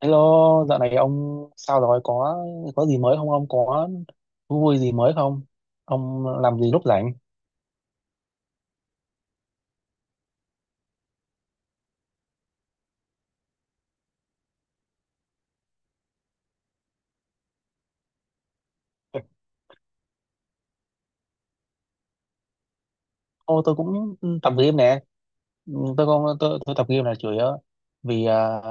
Hello, dạo này ông sao rồi? Có gì mới không? Ông có thú vui gì mới không? Ông làm gì lúc rảnh? Ô, tôi cũng tập game nè. Ừ, Tôi không tôi tập game là chủ yếu vì à,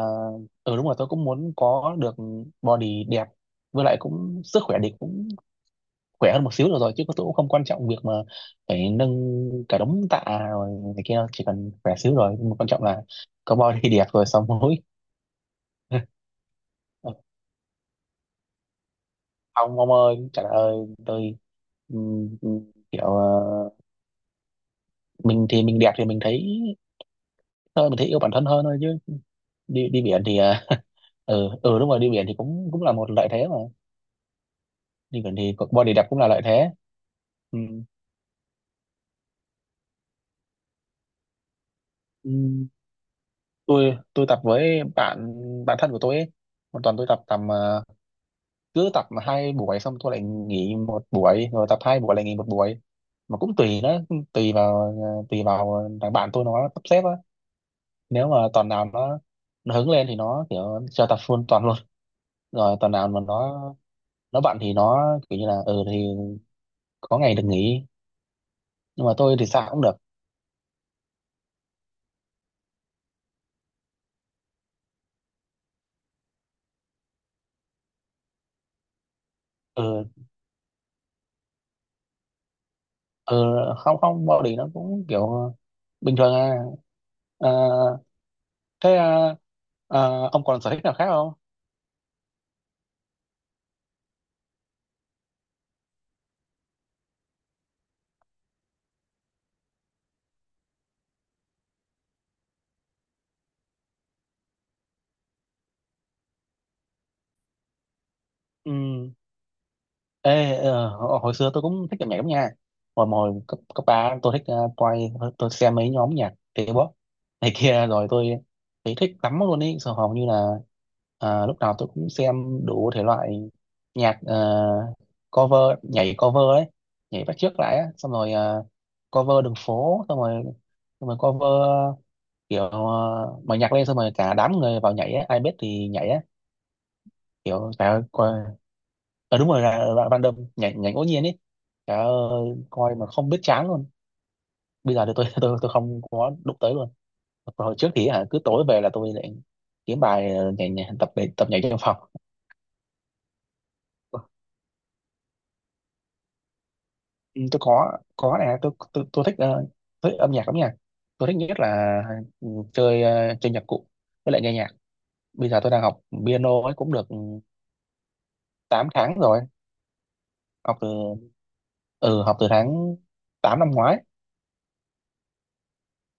ừ đúng rồi tôi cũng muốn có được body đẹp, với lại cũng sức khỏe thì cũng khỏe hơn một xíu được rồi, chứ tôi cũng không quan trọng việc mà phải nâng cả đống tạ rồi này kia đâu. Chỉ cần khỏe xíu rồi, nhưng mà quan trọng là có body đẹp rồi xong mũi. Ông ơi trời ơi tôi, ừ, ừ, kiểu mình thì mình đẹp thì mình thấy thôi mình thấy yêu bản thân hơn thôi, chứ đi đi biển thì ừ ừ đúng rồi đi biển thì cũng cũng là một lợi thế mà. Đi biển thì body đẹp cũng là lợi thế. Ừ. Ừ, tôi tập với bạn bạn thân của tôi ấy. Một tuần tôi tập tầm cứ tập 2 buổi xong tôi lại nghỉ 1 buổi rồi tập 2 buổi lại nghỉ một buổi, mà cũng tùy nó, tùy vào tùy vào thằng bạn tôi nó sắp xếp á. Nếu mà tuần nào nó hứng lên thì nó kiểu cho tập full tuần luôn, rồi tuần nào mà nó bận thì nó kiểu như là ừ thì có ngày được nghỉ, nhưng mà tôi thì sao cũng được. Ừ ừ không không bao đỉ nó cũng kiểu bình thường à. Ờ, thế à, ông còn sở thích nào khác không? Ừ. Ê, hồi hồi xưa tôi cũng thích âm nhạc lắm nha. Hồi hồi cấp cấp ba tôi thích, tôi xem mấy nhóm nhạc K-pop này kia, rồi tôi thấy thích lắm luôn ý. Rồi hầu như là lúc nào tôi cũng xem đủ thể loại nhạc, cover, nhảy cover ấy, nhảy bắt chước lại á, xong rồi cover đường phố, xong rồi cover kiểu mở nhạc lên xong rồi cả đám người vào nhảy á, ai biết thì nhảy á, kiểu trời ơi, ờ đúng rồi là random nhảy nhảy ngẫu nhiên ấy. Trời ơi coi mà không biết chán luôn. Bây giờ thì tôi tôi không có đụng tới luôn. Còn hồi trước thì hả cứ tối về là tôi lại kiếm bài nhảy, nhảy để tập nhảy trong phòng. Ừ, tôi có này tôi thích thích âm nhạc lắm nha. Tôi thích nhất là ừ, chơi chơi nhạc cụ, với lại nghe nhạc. Bây giờ tôi đang học piano ấy cũng được ừ, 8 tháng rồi. Học từ tháng 8 năm ngoái.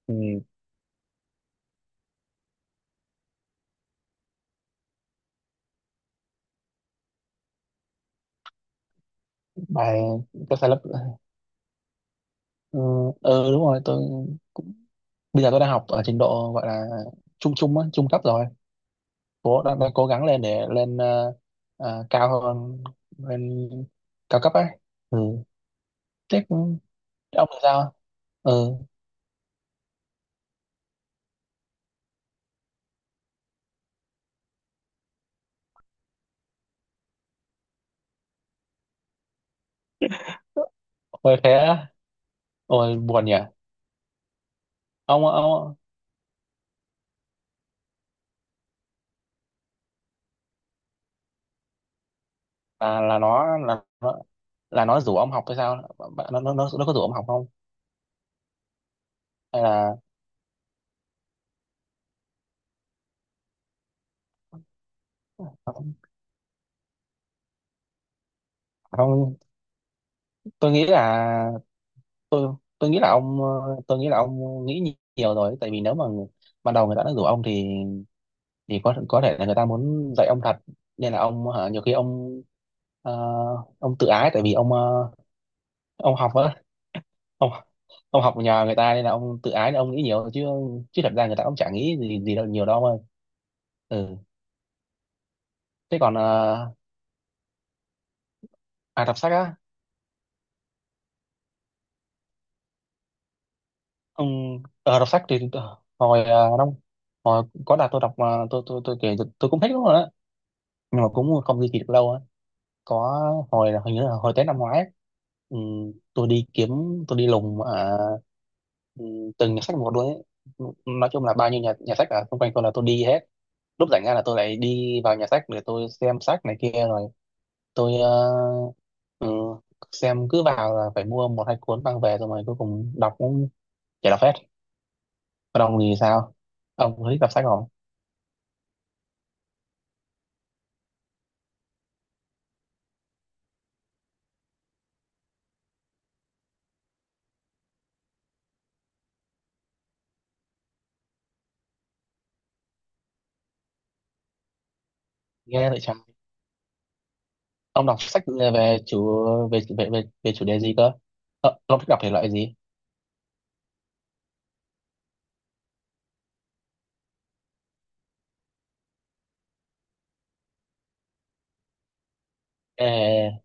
Ừ, bài có sai lầm. Ờ, ờ, đúng rồi tôi cũng bây giờ tôi đang học ở trình độ gọi là trung trung á, trung cấp rồi, cố đang cố gắng lên để lên cao hơn, lên cao cấp ấy. Ừ. Thế cũng— thế ông thì sao? Ừ. Ôi thế á. Ôi buồn nhỉ. Ông là nó rủ ông học hay sao? Bạn— nó có rủ ông học không? Hay là không? Tôi nghĩ là tôi nghĩ là ông nghĩ nhiều rồi, tại vì nếu mà ban đầu người ta đã rủ ông thì có thể là người ta muốn dạy ông thật, nên là ông hả, nhiều khi ông ờ, ông tự ái, tại vì ông ông học á ông ông học nhờ người ta nên là ông tự ái, nên ông nghĩ nhiều chứ. Chứ thật ra người ta cũng chả nghĩ gì gì đâu nhiều đâu ông ơi. Ừ. Thế còn à đọc sách á. Ông đọc sách thì ờ, hồi ờ, năm hồi có đợt tôi đọc, mà tôi kể tôi cũng thích lắm rồi á, nhưng mà cũng không duy trì được lâu á. Có hồi là hình như là hồi Tết năm ngoái ấy, ừ, tôi đi kiếm, tôi đi lùng ở ừ, từng nhà sách một luôn ấy. Nói chung là bao nhiêu nhà nhà sách ở xung quanh tôi là tôi đi hết. Lúc rảnh ra là tôi lại đi vào nhà sách để tôi xem sách này kia, rồi tôi ừ, xem, cứ vào là phải mua 1 2 cuốn mang về, rồi mà cuối cùng đọc cũng chả đọc hết. Còn ông thì sao, ông có thích đọc sách không? Nghe vậy chẳng. Ông đọc sách về chủ về chủ đề gì cơ? Ờ, ông thích đọc thể loại gì? ê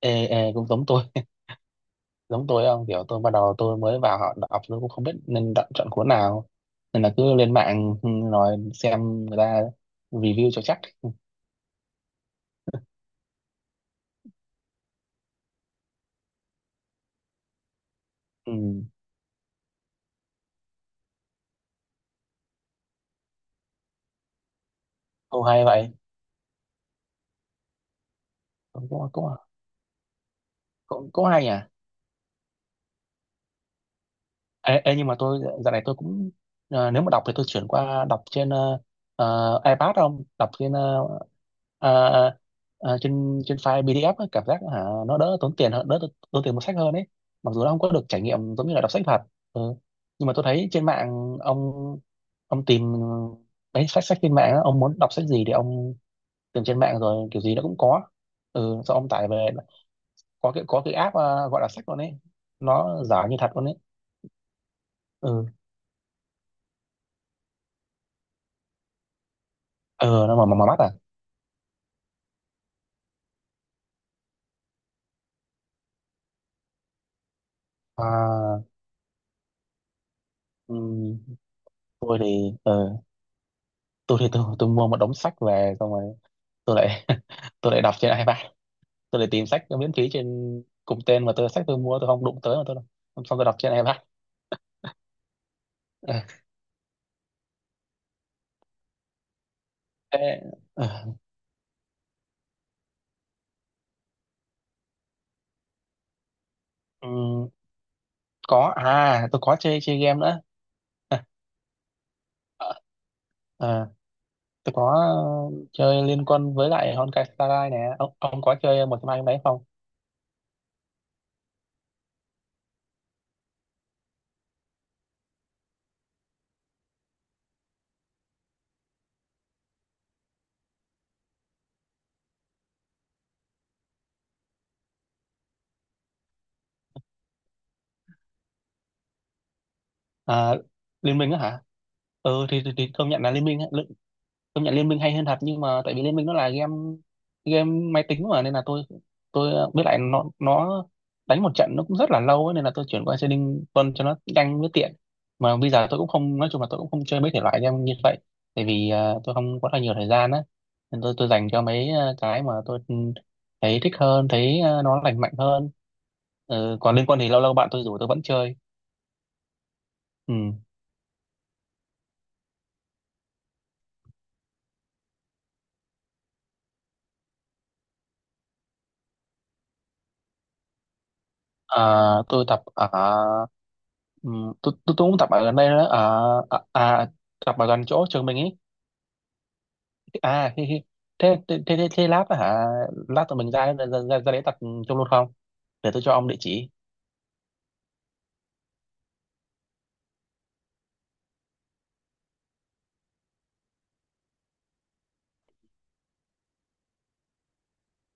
ê ê cũng giống tôi. Giống tôi không? Kiểu tôi bắt đầu tôi mới vào họ đọc tôi cũng không biết nên đọc, chọn cuốn nào, nên là cứ lên mạng ừ, rồi xem người ta review cho chắc. Ừ. Ô hay vậy. Cũng cũng cũng, cũng, hay nhỉ. Ê, ê, nhưng mà tôi dạo này tôi cũng nếu mà đọc thì tôi chuyển qua đọc trên iPad, không đọc trên ờ, trên trên file PDF ấy, cảm giác hả nó đỡ tốn tiền hơn, đỡ tốn tiền mua sách hơn ấy, mặc dù nó không có được trải nghiệm giống như là đọc sách thật. Ừ. Nhưng mà tôi thấy trên mạng ông tìm mấy sách sách trên mạng á, ông muốn đọc sách gì thì ông tìm trên mạng rồi kiểu gì nó cũng có. Ừ sau ông tải về có cái app gọi là sách luôn ấy, nó giả như thật luôn ấy. Ừ. Ờ nó mà mắt à. À, ừm, tôi thì tôi mua một đống sách về, xong rồi tôi lại tôi lại đọc trên iPad. Tôi lại tìm sách miễn phí trên cùng tên, mà sách tôi mua tôi không đụng tới, mà tôi đọc xong tôi đọc trên iPad. Ờ, thế, ờ, ừm, có à tôi có chơi chơi game nữa. Ờ, ờ, tôi có chơi Liên Quân với lại Honkai Star Rail nè, ông có chơi một trong hai cái đấy không? À, Liên Minh á hả? Ừ thì, thì công nhận là Liên Minh á. Công nhận Liên Minh hay hơn thật, nhưng mà tại vì Liên Minh nó là game game máy tính mà, nên là tôi biết lại nó đánh một trận nó cũng rất là lâu ấy, nên là tôi chuyển qua chơi Trading quân cho nó nhanh với tiện. Mà bây giờ tôi cũng không, nói chung là tôi cũng không chơi mấy thể loại game như vậy, tại vì tôi không có là nhiều thời gian á, nên tôi dành cho mấy cái mà tôi thấy thích hơn, thấy nó lành mạnh hơn. Ừ, còn liên quân thì lâu lâu bạn tôi rủ tôi vẫn chơi. Ừ. À tôi tập ở tôi cũng tập ở gần đây đó ở à, tập ở gần chỗ trường mình ấy. À hi, hi. Thế, thế thế thế thế lát á hả, lát tụi mình ra ra đấy tập chung luôn không, để tôi cho ông địa chỉ.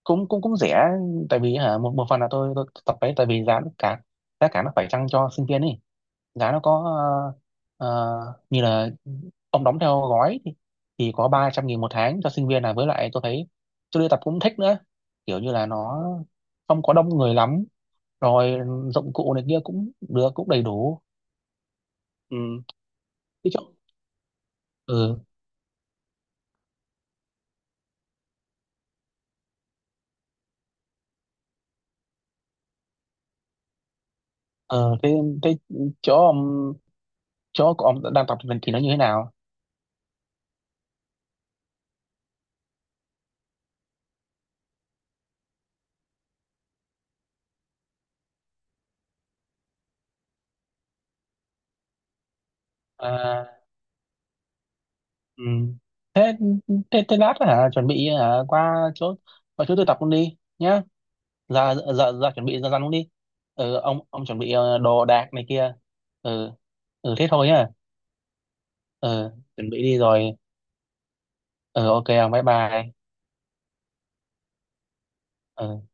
Cũng cũng cũng rẻ, tại vì hả một một phần là tôi tập đấy tại vì giá nó cả, giá cả nó phải chăng cho sinh viên ấy. Giá nó có như là ông đóng theo gói thì có 300.000 1 tháng cho sinh viên này, với lại tôi thấy tôi đi tập cũng thích nữa, kiểu như là nó không có đông người lắm, rồi dụng cụ này kia cũng được, cũng đầy đủ. Ừ. Cái chỗ. Ừ. Ờ, thế, thế chỗ ông, chỗ của ông đang tập thì nó như thế nào? À, ừ. Thế, thế lát hả, chuẩn bị hả, qua chỗ, qua chỗ tôi tập luôn đi nhá, ra ra ra chuẩn bị ra răn cũng đi, ừ, ông chuẩn bị đồ đạc này kia. Ừ. Ừ thế thôi nhá. Ừ chuẩn bị đi rồi. Ừ ok ông bye bye. Ừ